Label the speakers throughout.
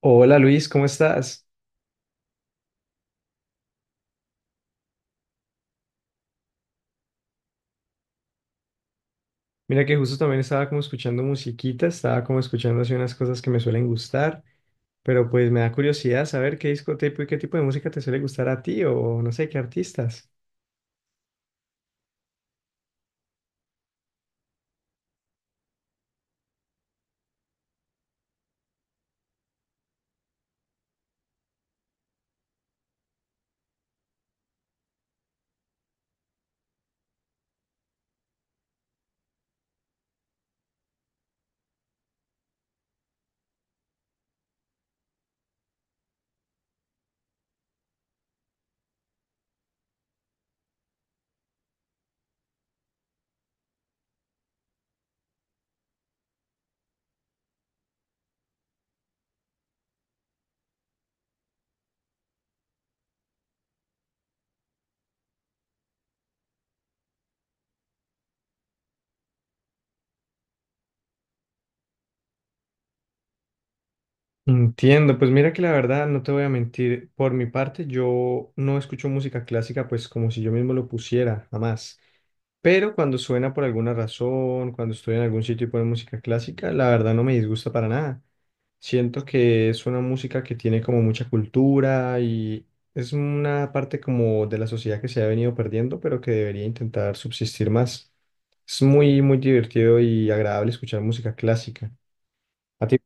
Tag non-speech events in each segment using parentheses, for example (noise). Speaker 1: Hola Luis, ¿cómo estás? Mira que justo también estaba como escuchando musiquita, estaba como escuchando así unas cosas que me suelen gustar, pero pues me da curiosidad saber qué discoteca y qué tipo de música te suele gustar a ti o no sé, qué artistas. Entiendo, pues mira que la verdad no te voy a mentir, por mi parte yo no escucho música clásica pues como si yo mismo lo pusiera, jamás. Pero cuando suena por alguna razón, cuando estoy en algún sitio y ponen música clásica, la verdad no me disgusta para nada. Siento que es una música que tiene como mucha cultura y es una parte como de la sociedad que se ha venido perdiendo, pero que debería intentar subsistir más. Es muy, muy divertido y agradable escuchar música clásica. ¿A ti?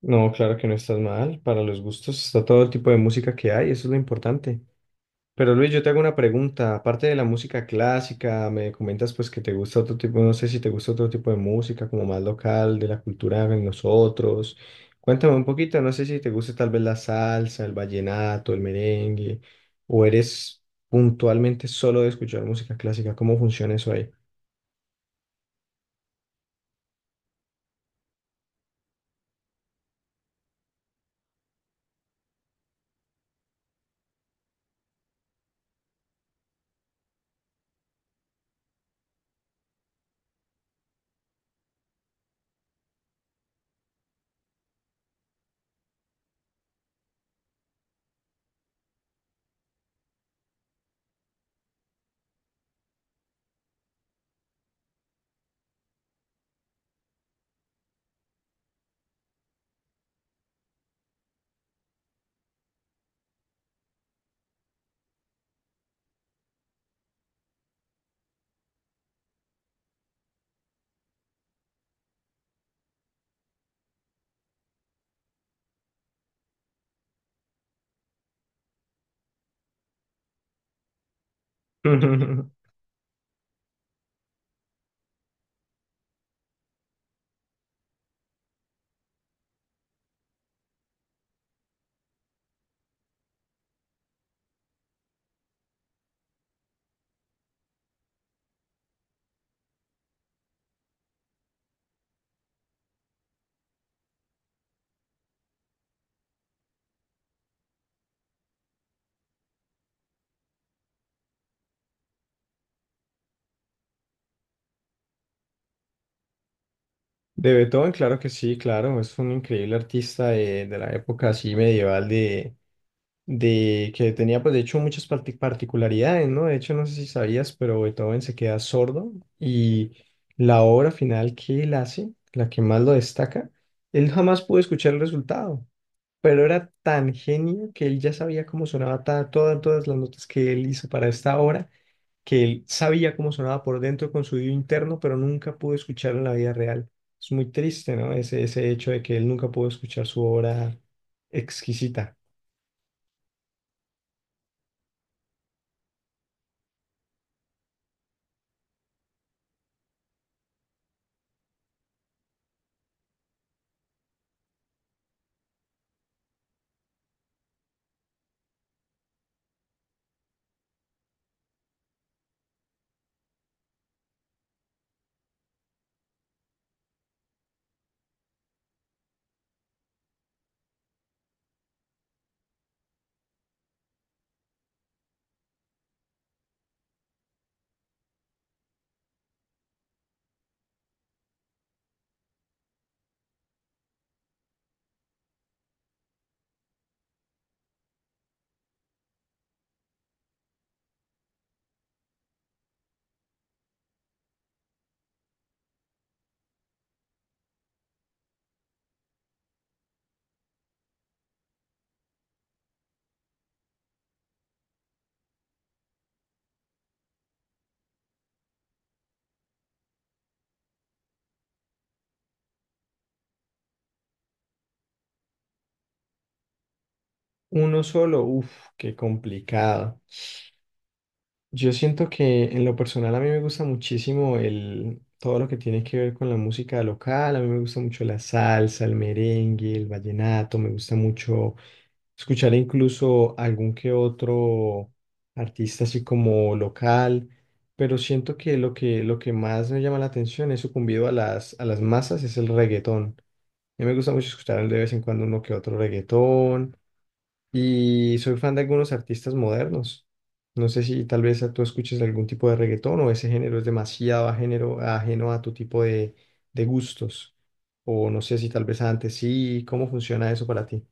Speaker 1: No, claro que no estás mal. Para los gustos está todo el tipo de música que hay, eso es lo importante. Pero Luis, yo te hago una pregunta. Aparte de la música clásica, me comentas pues que te gusta otro tipo, no sé si te gusta otro tipo de música, como más local, de la cultura de nosotros. Cuéntame un poquito, no sé si te gusta tal vez la salsa, el vallenato, el merengue, o eres puntualmente solo de escuchar música clásica. ¿Cómo funciona eso ahí? (laughs) De Beethoven, claro que sí, claro, es un increíble artista de la época así medieval de que tenía pues de hecho muchas particularidades, ¿no? De hecho no sé si sabías, pero Beethoven se queda sordo y la obra final que él hace, la que más lo destaca, él jamás pudo escuchar el resultado, pero era tan genio que él ya sabía cómo sonaba todas las notas que él hizo para esta obra, que él sabía cómo sonaba por dentro con su oído interno, pero nunca pudo escucharlo en la vida real. Es muy triste, ¿no? Ese hecho de que él nunca pudo escuchar su obra exquisita. Uno solo, uff, qué complicado. Yo siento que en lo personal a mí me gusta muchísimo todo lo que tiene que ver con la música local. A mí me gusta mucho la salsa, el merengue, el vallenato. Me gusta mucho escuchar incluso algún que otro artista así como local. Pero siento que lo que más me llama la atención es sucumbido a las masas es el reggaetón. A mí me gusta mucho escuchar de vez en cuando uno que otro reggaetón. Y soy fan de algunos artistas modernos. No sé si tal vez tú escuches algún tipo de reggaetón o ese género es demasiado ajeno, ajeno a tu tipo de gustos. O no sé si tal vez antes sí. ¿Cómo funciona eso para ti?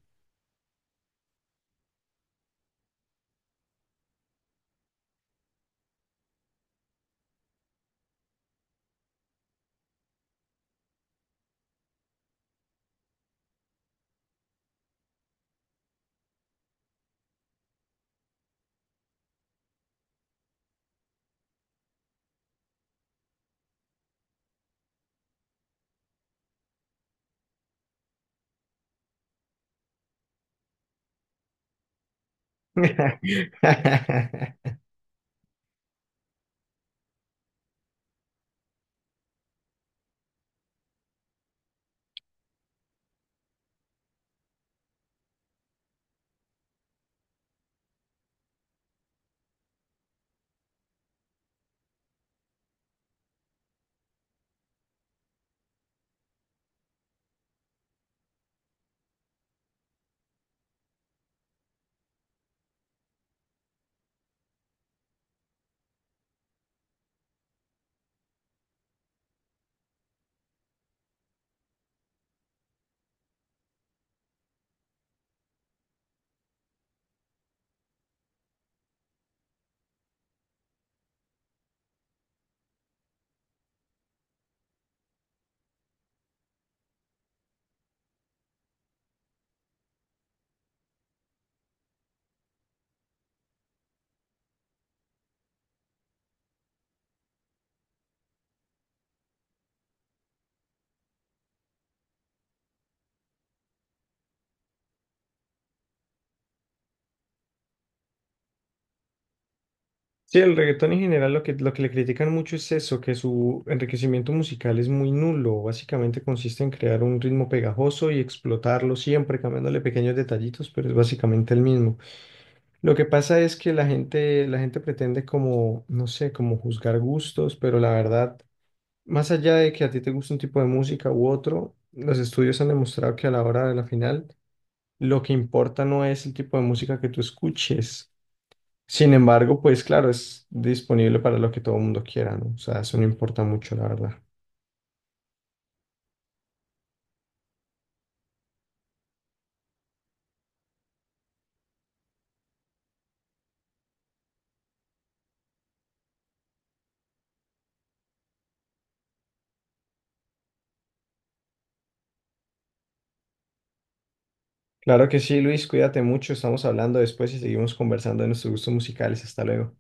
Speaker 1: (laughs) Sí, el reggaetón en general lo que le critican mucho es eso, que su enriquecimiento musical es muy nulo. Básicamente consiste en crear un ritmo pegajoso y explotarlo siempre, cambiándole pequeños detallitos, pero es básicamente el mismo. Lo que pasa es que la gente pretende como, no sé, como juzgar gustos, pero la verdad, más allá de que a ti te guste un tipo de música u otro, los estudios han demostrado que a la hora de la final, lo que importa no es el tipo de música que tú escuches. Sin embargo, pues claro, es disponible para lo que todo el mundo quiera, ¿no? O sea, eso no importa mucho, la verdad. Claro que sí, Luis, cuídate mucho, estamos hablando después y seguimos conversando de nuestros gustos musicales. Hasta luego.